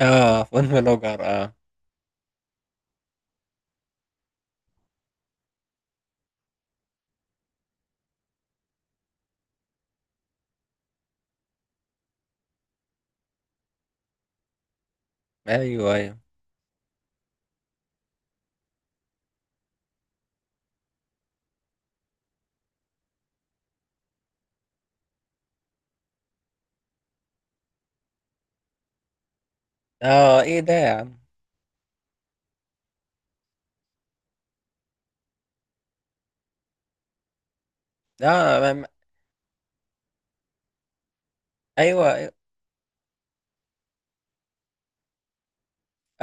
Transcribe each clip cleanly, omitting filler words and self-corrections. اه فون بلوجر، اه. ايوه، ايوه. اه، ايه ده يا عم؟ اه ما- ما- ايوه.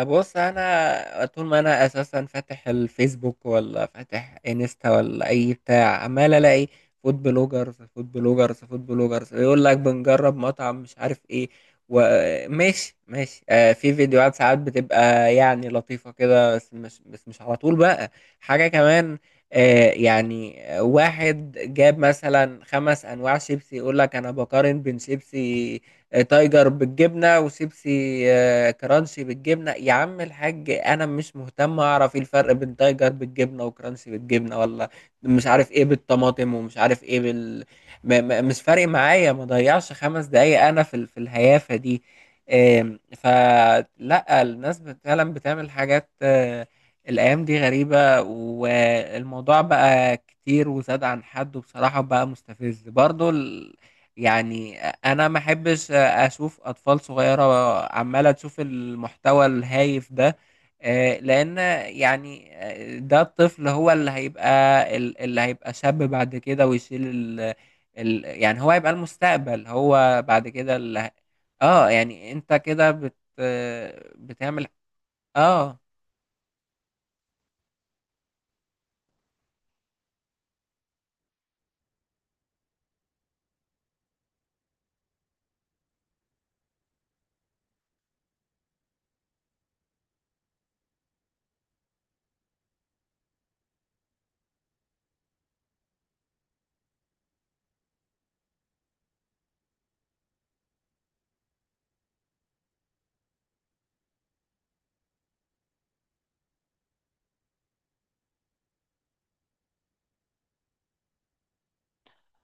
بص، انا طول ما انا اساسا فاتح الفيسبوك ولا فاتح انستا ولا اي بتاع، عمال الاقي فود بلوجرز، فود بلوجرز، فود بلوجرز، يقول لك بنجرب مطعم مش عارف ايه، وماشي ماشي. آه، في فيديوهات ساعات بتبقى يعني لطيفة كده، بس مش على طول بقى. حاجة كمان، يعني واحد جاب مثلا 5 انواع شيبسي، يقول لك انا بقارن بين شيبسي تايجر بالجبنة، وشيبسي آه، وكرانسي بالجبنه. يا عم الحاج، انا مش مهتم اعرف ايه الفرق بين تايجر بالجبنه وكرانسي بالجبنه، ولا مش عارف ايه بالطماطم، ومش عارف ايه بال... ما ما مش فارق معايا، ما ضيعش 5 دقايق انا في الهيافه دي. فلا، فعلا بتعمل حاجات. الايام دي غريبه، والموضوع بقى كتير وزاد عن حد، وبصراحه بقى مستفز برضو يعني. انا ما احبش اشوف اطفال صغيره عماله تشوف المحتوى الهايف ده، لان يعني، ده الطفل هو اللي هيبقى، اللي هيبقى شاب بعد كده، ويشيل ال... ال يعني، هو هيبقى المستقبل هو بعد كده اه. يعني انت كده بت آه، بتعمل اه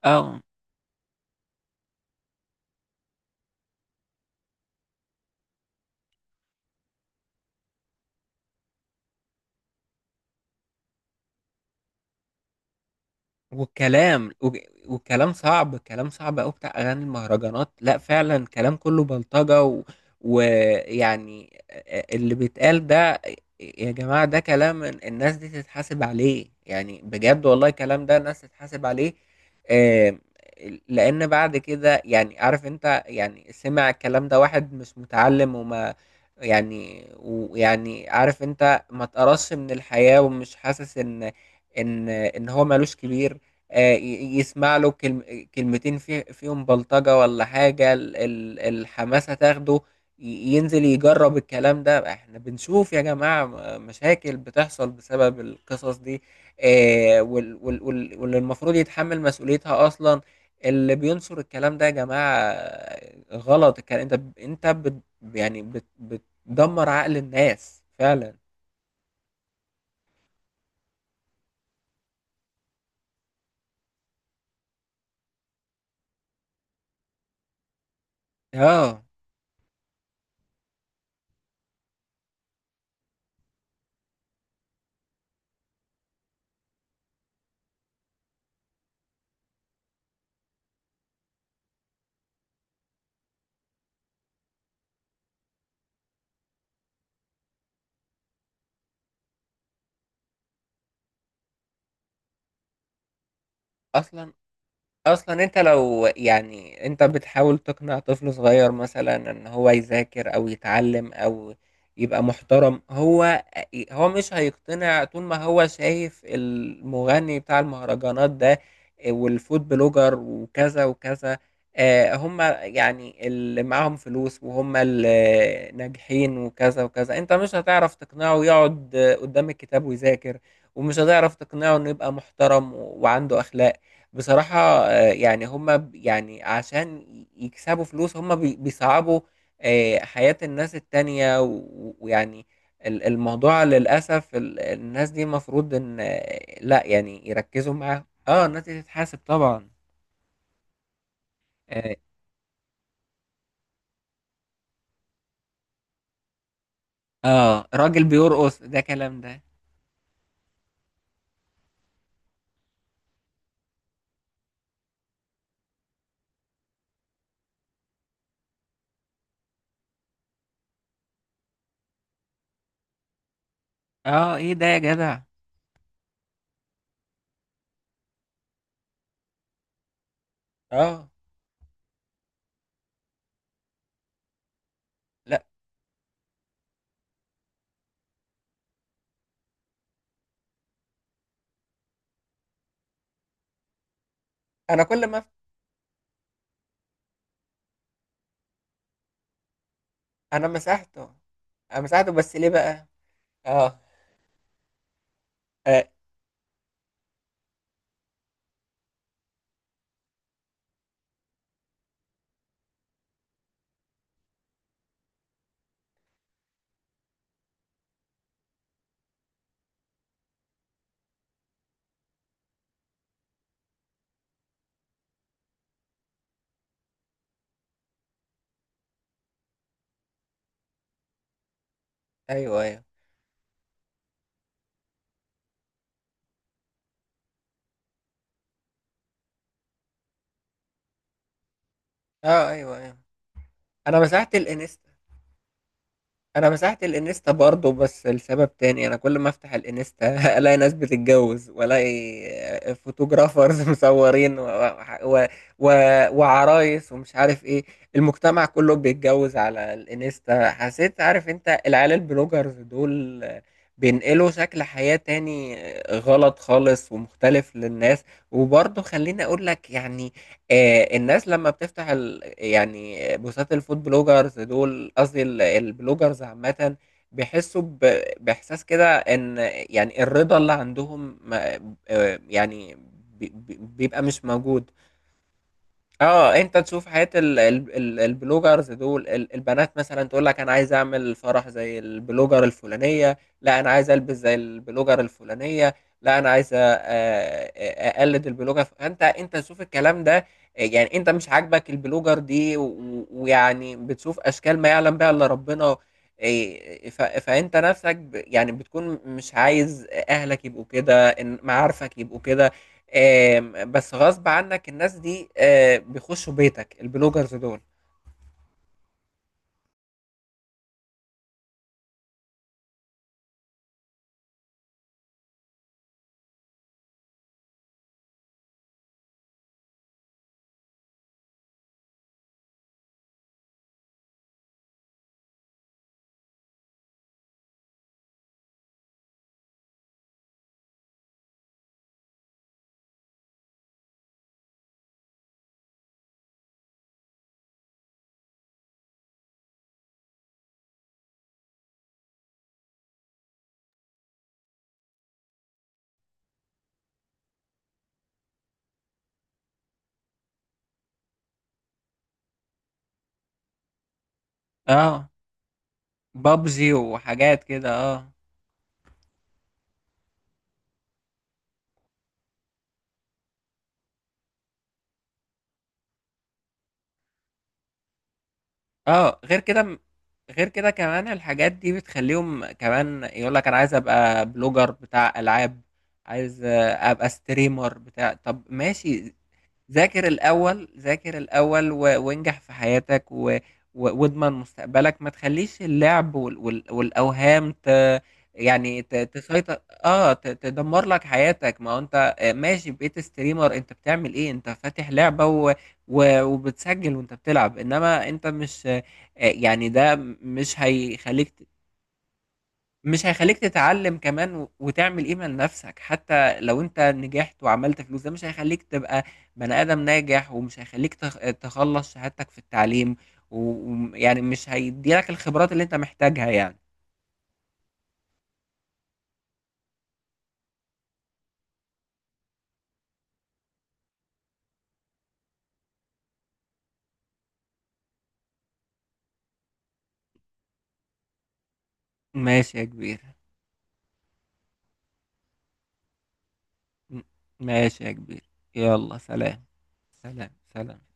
اه. والكلام والكلام صعب، الكلام صعب قوي بتاع اغاني المهرجانات. لا فعلا، كلام كله بلطجة ويعني اللي بيتقال ده. يا جماعة، ده كلام الناس دي تتحاسب عليه يعني، بجد والله، الكلام ده الناس تتحاسب عليه. آم، لان بعد كده يعني عارف انت، يعني سمع الكلام ده واحد مش متعلم وما يعني، ويعني عارف انت ما تقرصش من الحياة، ومش حاسس ان هو مالوش كبير، يسمع له كلمتين فيهم بلطجة ولا حاجة، الحماسة تاخده، ي- ينزل يجرب الكلام ده. احنا بنشوف يا جماعة مشاكل بتحصل بسبب القصص دي، واللي المفروض يتحمل مسؤوليتها أصلا، اللي بينصر الكلام ده يا جماعة غلط. الكلام انت يعني بت- بتدمر عقل الناس فعلا. اه، اصلا اصلا انت لو يعني، انت بتحاول تقنع طفل صغير مثلا ان هو يذاكر او يتعلم او يبقى محترم، هو مش هيقتنع طول ما هو شايف المغني بتاع المهرجانات ده، والفود بلوجر وكذا وكذا. هم يعني اللي معاهم فلوس، وهم اللي ناجحين وكذا وكذا. انت مش هتعرف تقنعه يقعد قدام الكتاب ويذاكر، ومش هتعرف تقنعه انه يبقى محترم وعنده اخلاق، بصراحة. يعني يعني عشان يكسبوا فلوس، هم بيصعبوا حياة الناس التانية ويعني الموضوع للأسف الناس دي مفروض إن لا يعني يركزوا معاهم. اه، الناس دي تتحاسب طبعا. اه، راجل بيرقص؟ ده كلام ده؟ اه، ايه ده يا جدع؟ اه، لا. انا كل ما... انا مسحته. انا مسحته، بس ليه بقى؟ اه، آه، ايوه، ايوه. اه، ايوه، ايوه. انا مسحت الانستا. انا مسحت الانستا برضه، بس لسبب تاني. انا كل ما افتح الانستا الاقي ناس بتتجوز، والاقي فوتوغرافرز مصورين، و... و... و... وعرايس ومش عارف ايه، المجتمع كله بيتجوز على الانستا. حسيت، عارف انت، العيال البلوجرز دول بينقلوا شكل حياة تاني، غلط خالص ومختلف، للناس. وبرضه خليني اقول لك يعني، الناس لما بتفتح ال... يعني بوستات الفود بلوجرز دول، قصدي البلوجرز عامة، بيحسوا ب... بإحساس كده إن يعني الرضا اللي عندهم ما... يعني بيبقى مش موجود. اه، انت تشوف حياة ال ال ال البلوجرز دول. البنات مثلا تقول لك: انا عايز اعمل فرح زي البلوجر الفلانية، لا انا عايز البس زي البلوجر الفلانية، لا انا عايز اقلد البلوجر. فانت، انت تشوف الكلام ده، يعني انت مش عاجبك البلوجر دي ويعني بتشوف اشكال ما يعلم بها الا ربنا. إيه، فانت نفسك يعني بتكون مش عايز اهلك يبقوا كده، معارفك يبقوا كده. بس غصب عنك، الناس دي بيخشوا بيتك، البلوجرز دول. اه، بابجي وحاجات كده، اه. اه، غير كده، غير كده كمان الحاجات دي بتخليهم كمان يقول لك: انا عايز ابقى بلوجر بتاع العاب، عايز ابقى ستريمر بتاع. طب ماشي. ذاكر الأول، ذاكر الأول، و... وانجح في حياتك، و... و... واضمن مستقبلك. ما تخليش اللعب وال... وال... والأوهام ت... يعني ت... تسيطر. اه، ت... تدمر لك حياتك. ما هو انت ماشي بقيت ستريمر، انت بتعمل ايه؟ انت فاتح لعبة و... و... وبتسجل وانت بتلعب، انما انت مش يعني ده مش هيخليك مش هيخلّيك تتعلّم كمان، وتعمل قيمة لنَفْسك. حتى لو أنت نجحت وعملت فلوس، ده مش هيخلّيك تبقى بني آدم ناجح، ومش هيخلّيك تخلّص شهادتك في التعليم، و يعني مش هيدّي لك الخبرات اللي أنت محتاجها يعني. ماشي يا كبير. م ماشي يا كبير. يالّا سلام. سلام، سلام.